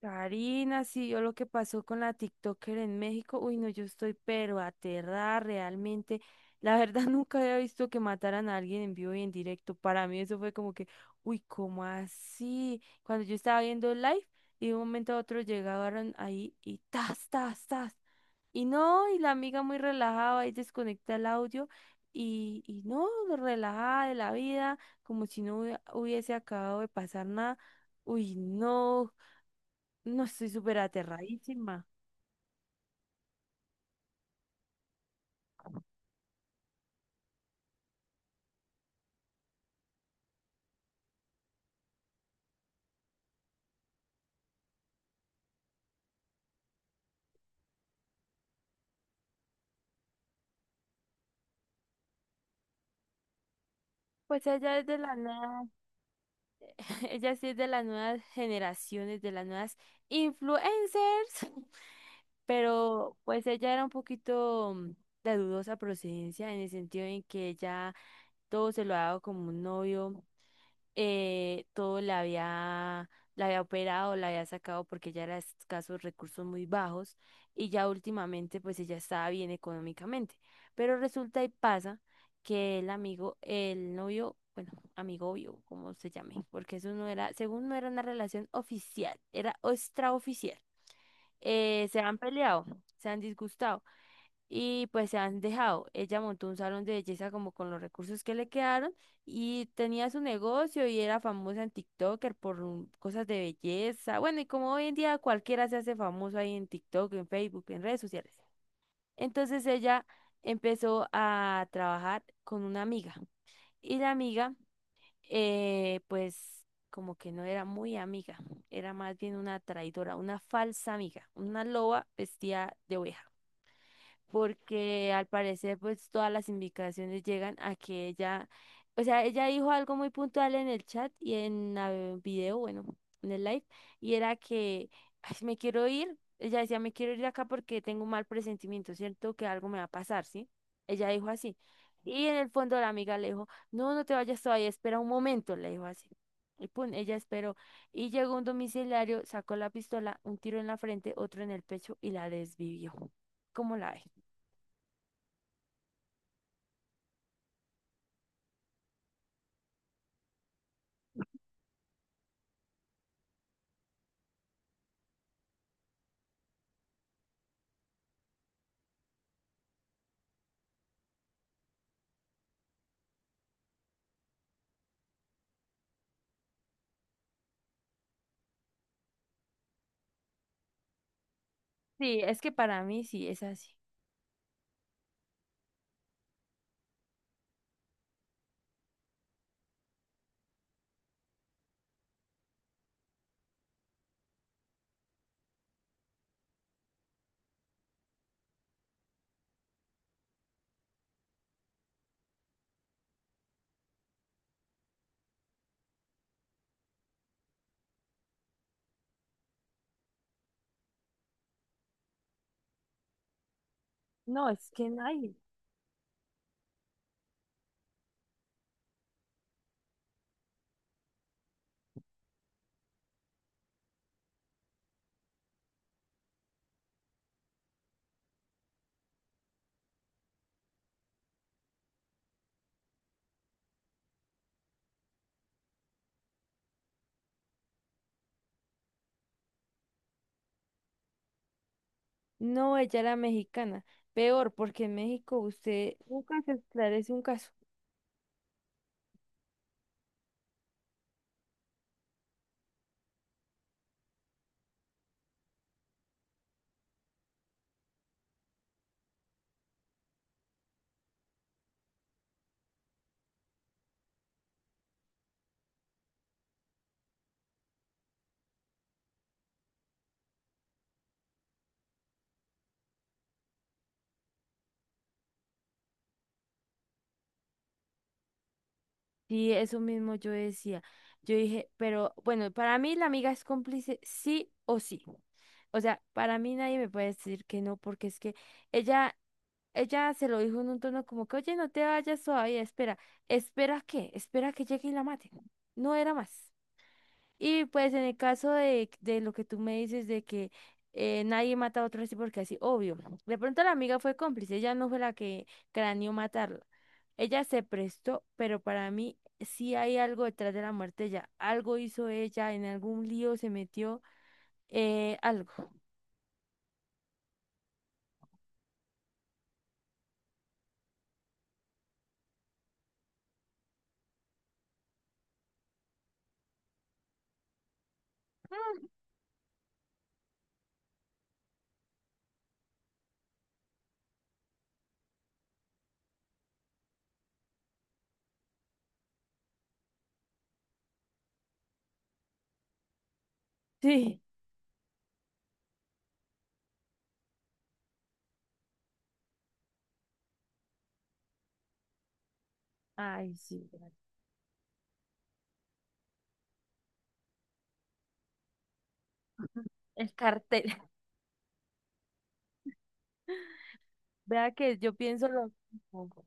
Karina, sí, yo lo que pasó con la TikToker en México, uy, no, yo estoy pero aterrada realmente. La verdad, nunca había visto que mataran a alguien en vivo y en directo. Para mí eso fue como que, uy, ¿cómo así? Cuando yo estaba viendo el live y de un momento a otro llegaron ahí y tas, tas, tas. Y no, y la amiga muy relajada ahí desconecta el audio y no, relajada de la vida, como si no hubiese acabado de pasar nada. Uy, no. No, estoy súper aterradísima. Pues ella es de la nueva, ella sí es de las nuevas generaciones, de las nuevas influencers, pero pues ella era un poquito de dudosa procedencia en el sentido en que ella todo se lo ha dado como un novio, todo la había operado, la había sacado porque ella era de escasos recursos muy bajos y ya últimamente pues ella estaba bien económicamente. Pero resulta y pasa que el amigo, el novio, bueno, amigo obvio, como se llame, porque eso no era, según no era una relación oficial, era extraoficial. Se han peleado, se han disgustado y pues se han dejado. Ella montó un salón de belleza como con los recursos que le quedaron y tenía su negocio y era famosa en TikToker por cosas de belleza. Bueno, y como hoy en día cualquiera se hace famoso ahí en TikTok, en Facebook, en redes sociales. Entonces ella empezó a trabajar con una amiga y la amiga, pues como que no era muy amiga, era más bien una traidora, una falsa amiga, una loba vestida de oveja, porque al parecer pues todas las indicaciones llegan a que ella, o sea, ella dijo algo muy puntual en el chat y en el video, bueno, en el live, y era que, ay, me quiero ir, ella decía, me quiero ir de acá porque tengo un mal presentimiento, ¿cierto? Que algo me va a pasar, ¿sí? Ella dijo así. Y en el fondo la amiga le dijo, no, no te vayas todavía, espera un momento, le dijo así. Y pum, ella esperó. Y llegó un domiciliario, sacó la pistola, un tiro en la frente, otro en el pecho y la desvivió. ¿Cómo la ve? Sí, es que para mí sí es así. No, es que nadie. No, ella era mexicana. Peor, porque en México usted nunca se esclarece un caso. Sí, eso mismo yo decía. Yo dije, pero bueno, para mí la amiga es cómplice sí o sí. O sea, para mí nadie me puede decir que no, porque es que ella, ella se lo dijo en un tono como que, oye, no te vayas todavía, espera, espera que llegue y la mate. No era más. Y pues en el caso de lo que tú me dices de que nadie mata a otro así porque así, obvio. De pronto la amiga fue cómplice, ella no fue la que craneó matarla. Ella se prestó, pero para mí sí hay algo detrás de la muerte de ella. Algo hizo ella, en algún lío se metió, algo. Mm. Sí. Ay, sí. El cartel. Vea que yo pienso lo mismo.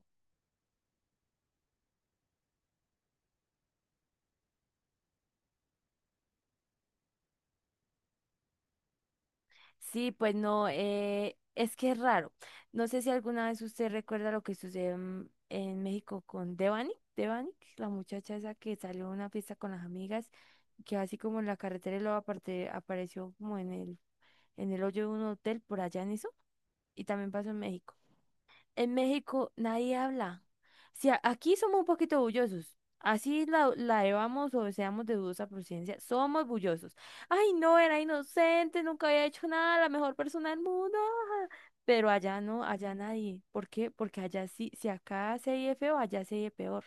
Sí, pues no, es que es raro. No sé si alguna vez usted recuerda lo que sucedió en México con Devani, Devani, la muchacha esa que salió a una fiesta con las amigas, que así como en la carretera y luego aparte, apareció como en el hoyo de un hotel por allá en eso, y también pasó en México. En México nadie habla. Si aquí somos un poquito bullosos, así la, la llevamos o seamos de dudosa procedencia, somos bullosos. Ay, no, era inocente, nunca había hecho nada, la mejor persona del mundo. Ah". Pero allá no, allá nadie. ¿Por qué? Porque allá sí, si acá se oye feo, allá se oye peor.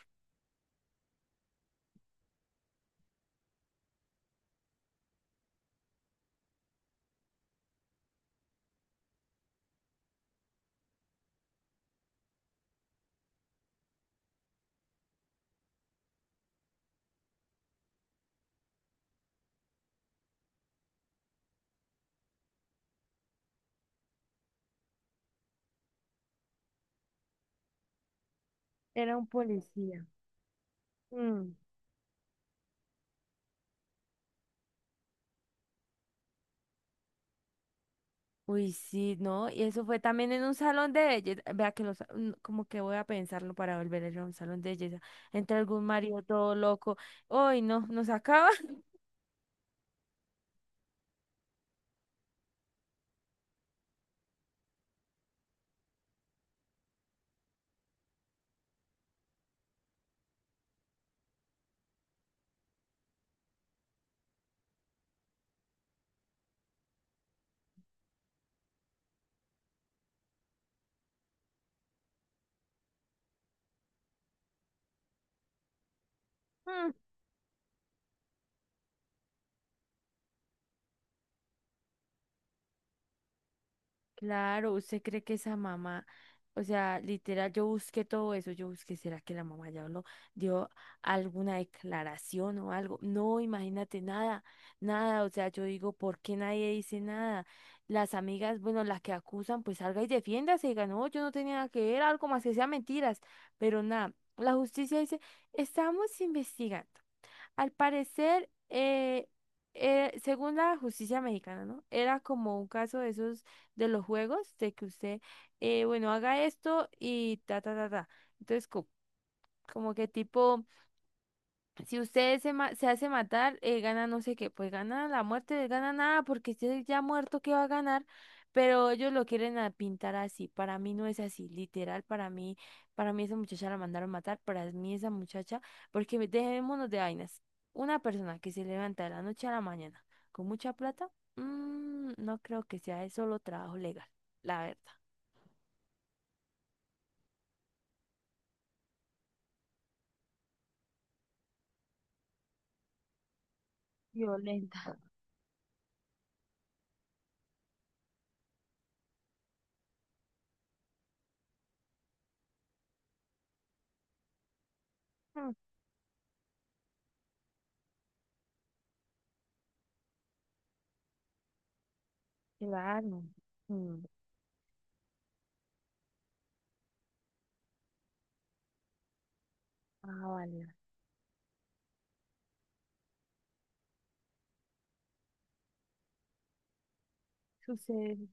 Era un policía. Mm. Uy, sí, ¿no? Y eso fue también en un salón de belleza. Vea que los, como que voy a pensarlo para volver a ir a un salón de belleza. Entre algún marido todo loco. Uy, no, nos acaba. Claro, usted cree que esa mamá, o sea, literal, yo busqué todo eso, yo busqué, ¿será que la mamá ya habló, dio alguna declaración o algo? No, imagínate, nada, nada, o sea, yo digo, ¿por qué nadie dice nada? Las amigas, bueno, las que acusan, pues salga y defiéndase, diga, no, yo no tenía nada que ver, algo más que sea mentiras, pero nada, la justicia dice, estamos investigando. Al parecer, según la justicia mexicana, ¿no? Era como un caso de esos de los juegos, de que usted, bueno, haga esto y ta, ta, ta, ta. Entonces, como que tipo... Si usted se, se hace matar, gana no sé qué, pues gana la muerte, gana nada, porque usted ya muerto, ¿qué va a ganar? Pero ellos lo quieren a pintar así. Para mí no es así, literal, para mí esa muchacha la mandaron matar, para mí esa muchacha, porque dejémonos de vainas. Una persona que se levanta de la noche a la mañana con mucha plata, mm, no creo que sea de solo trabajo legal, la verdad. Violenta. Mm, claro. Mm, ah, vale. Sucede.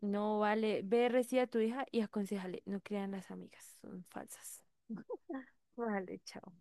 No vale, ve, recibe a tu hija y aconsejale, no crean las amigas, son falsas. Vale, chao.